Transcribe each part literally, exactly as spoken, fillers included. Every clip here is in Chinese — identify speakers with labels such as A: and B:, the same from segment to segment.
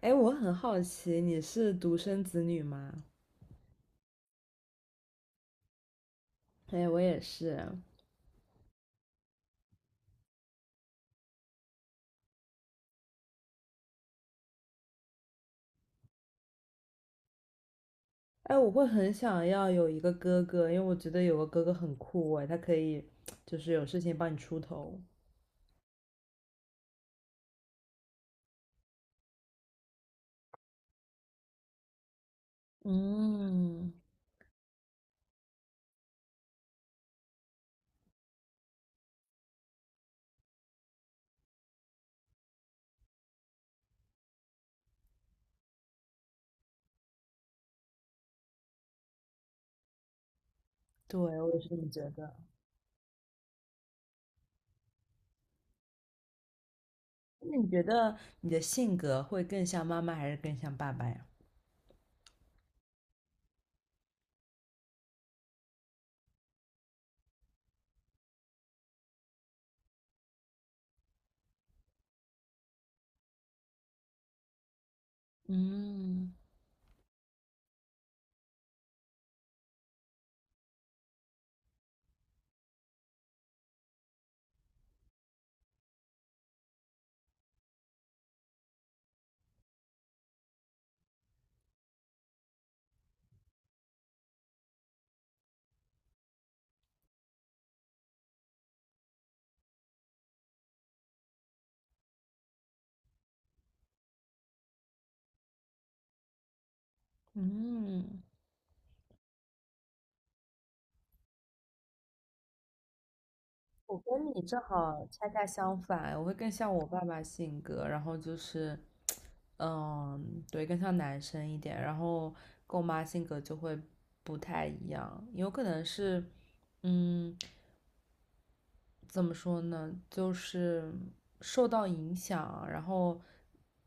A: 哎，我很好奇，你是独生子女吗？哎，我也是。哎，我会很想要有一个哥哥，因为我觉得有个哥哥很酷哎，他可以就是有事情帮你出头。嗯，对，我也是这么觉得。那你觉得你的性格会更像妈妈还是更像爸爸呀？嗯嗯，我跟你正好恰恰相反，我会更像我爸爸性格，然后就是，嗯，对，更像男生一点，然后跟我妈性格就会不太一样，有可能是，嗯，怎么说呢，就是受到影响，然后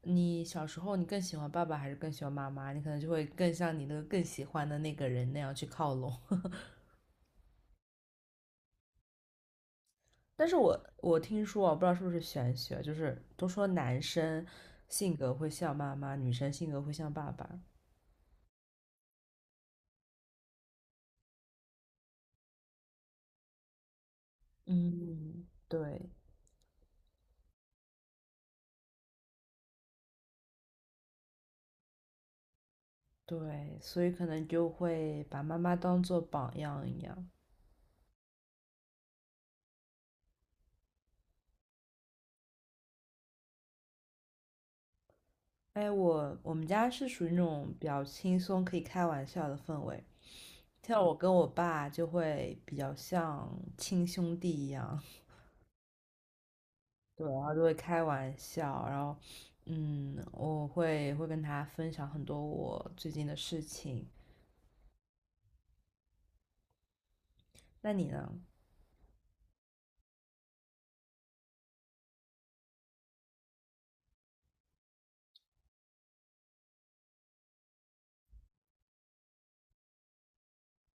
A: 你小时候你更喜欢爸爸还是更喜欢妈妈，你可能就会更像你那个更喜欢的那个人那样去靠拢。但是我我听说啊我不知道是不是玄学，就是都说男生性格会像妈妈，女生性格会像爸爸。嗯，对对，所以可能就会把妈妈当做榜样一样。哎，我我们家是属于那种比较轻松可以开玩笑的氛围，像我跟我爸就会比较像亲兄弟一样，对，然后就会开玩笑，然后嗯，我会会跟他分享很多我最近的事情。那你呢？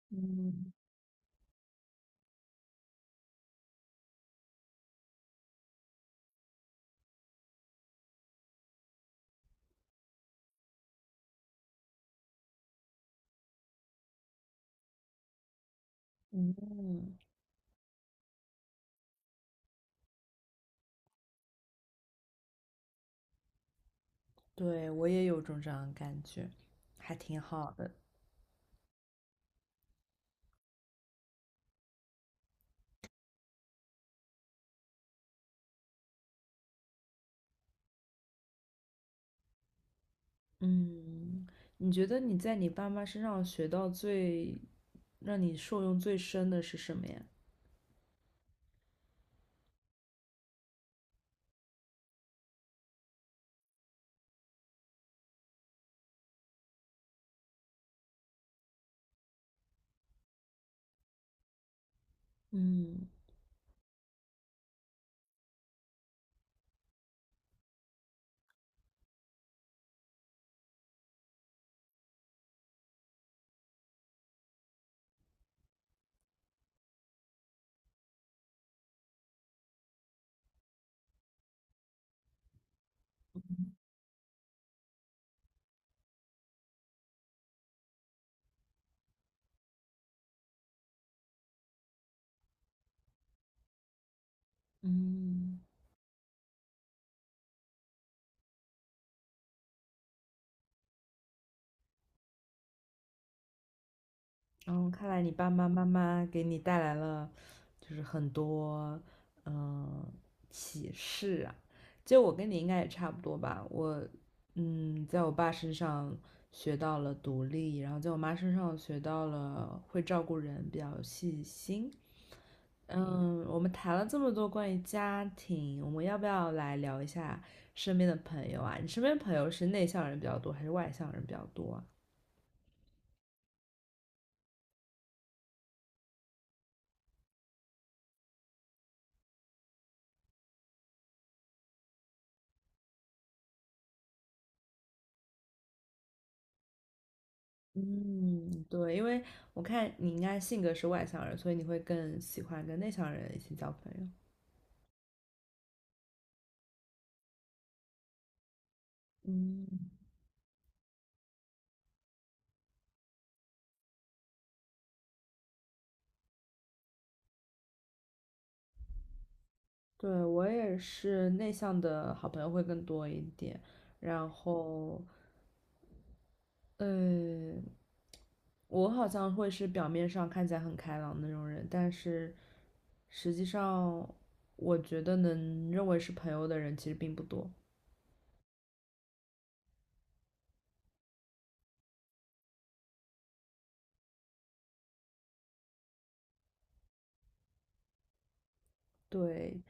A: 嗯嗯，对，我也有种这样的感觉，还挺好的。嗯，你觉得你在你爸妈身上学到最，让你受用最深的是什么呀？嗯嗯。嗯，看来你爸爸妈妈给你带来了，就是很多嗯启示啊。就我跟你应该也差不多吧，我嗯，在我爸身上学到了独立，然后在我妈身上学到了会照顾人，比较细心。嗯，我们谈了这么多关于家庭，我们要不要来聊一下身边的朋友啊？你身边朋友是内向人比较多，还是外向人比较多啊？嗯，对，因为我看你应该性格是外向人，所以你会更喜欢跟内向人一起交朋友。嗯，对，我也是内向的好朋友会更多一点，然后，呃，我好像会是表面上看起来很开朗的那种人，但是实际上，我觉得能认为是朋友的人其实并不多。对，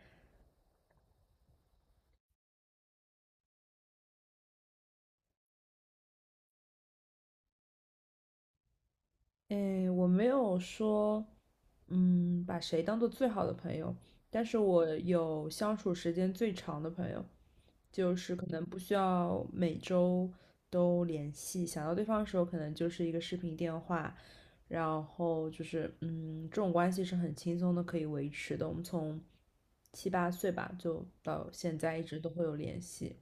A: 诶，我没有说，嗯，把谁当做最好的朋友？但是我有相处时间最长的朋友，就是可能不需要每周都联系，想到对方的时候，可能就是一个视频电话，然后就是嗯，这种关系是很轻松的可以维持的。我们从七八岁吧，就到现在一直都会有联系。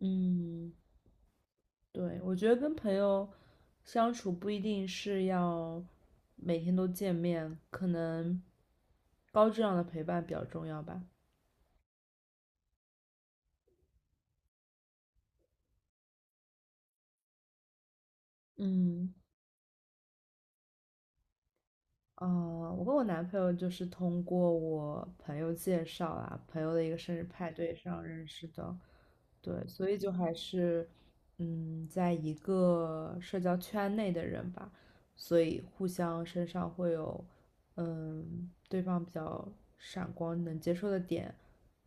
A: 嗯，对，我觉得跟朋友相处不一定是要每天都见面，可能高质量的陪伴比较重要吧。嗯啊，我跟我男朋友就是通过我朋友介绍啊，朋友的一个生日派对上认识的。对，所以就还是，嗯，在一个社交圈内的人吧，所以互相身上会有，嗯，对方比较闪光能接受的点，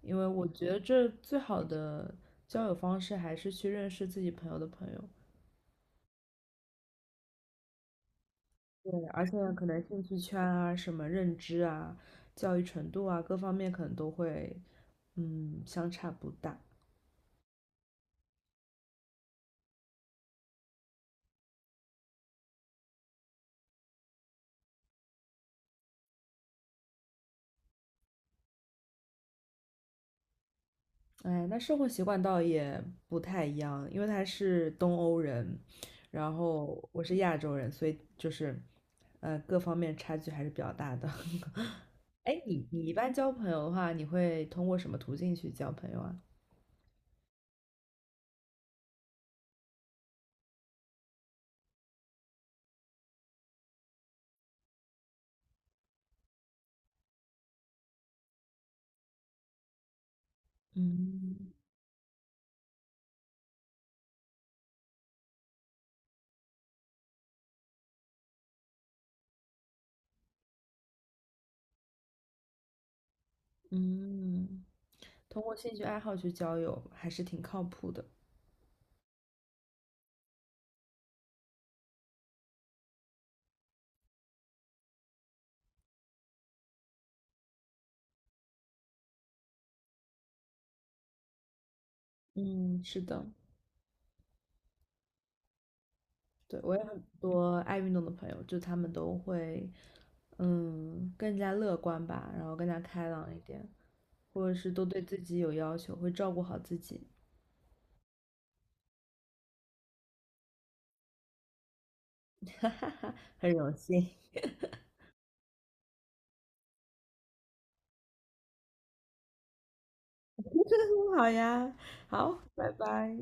A: 因为我觉得这最好的交友方式还是去认识自己朋友的朋友。对，而且可能兴趣圈啊、什么认知啊、教育程度啊各方面可能都会，嗯，相差不大。哎，那生活习惯倒也不太一样，因为他是东欧人，然后我是亚洲人，所以就是，呃，各方面差距还是比较大的。哎，你你一般交朋友的话，你会通过什么途径去交朋友啊？嗯嗯，通过兴趣爱好去交友还是挺靠谱的。嗯，是的，对，我有很多爱运动的朋友，就他们都会，嗯，更加乐观吧，然后更加开朗一点。或者是都对自己有要求，会照顾好自己。哈哈哈，很荣幸。好呀，好，拜拜。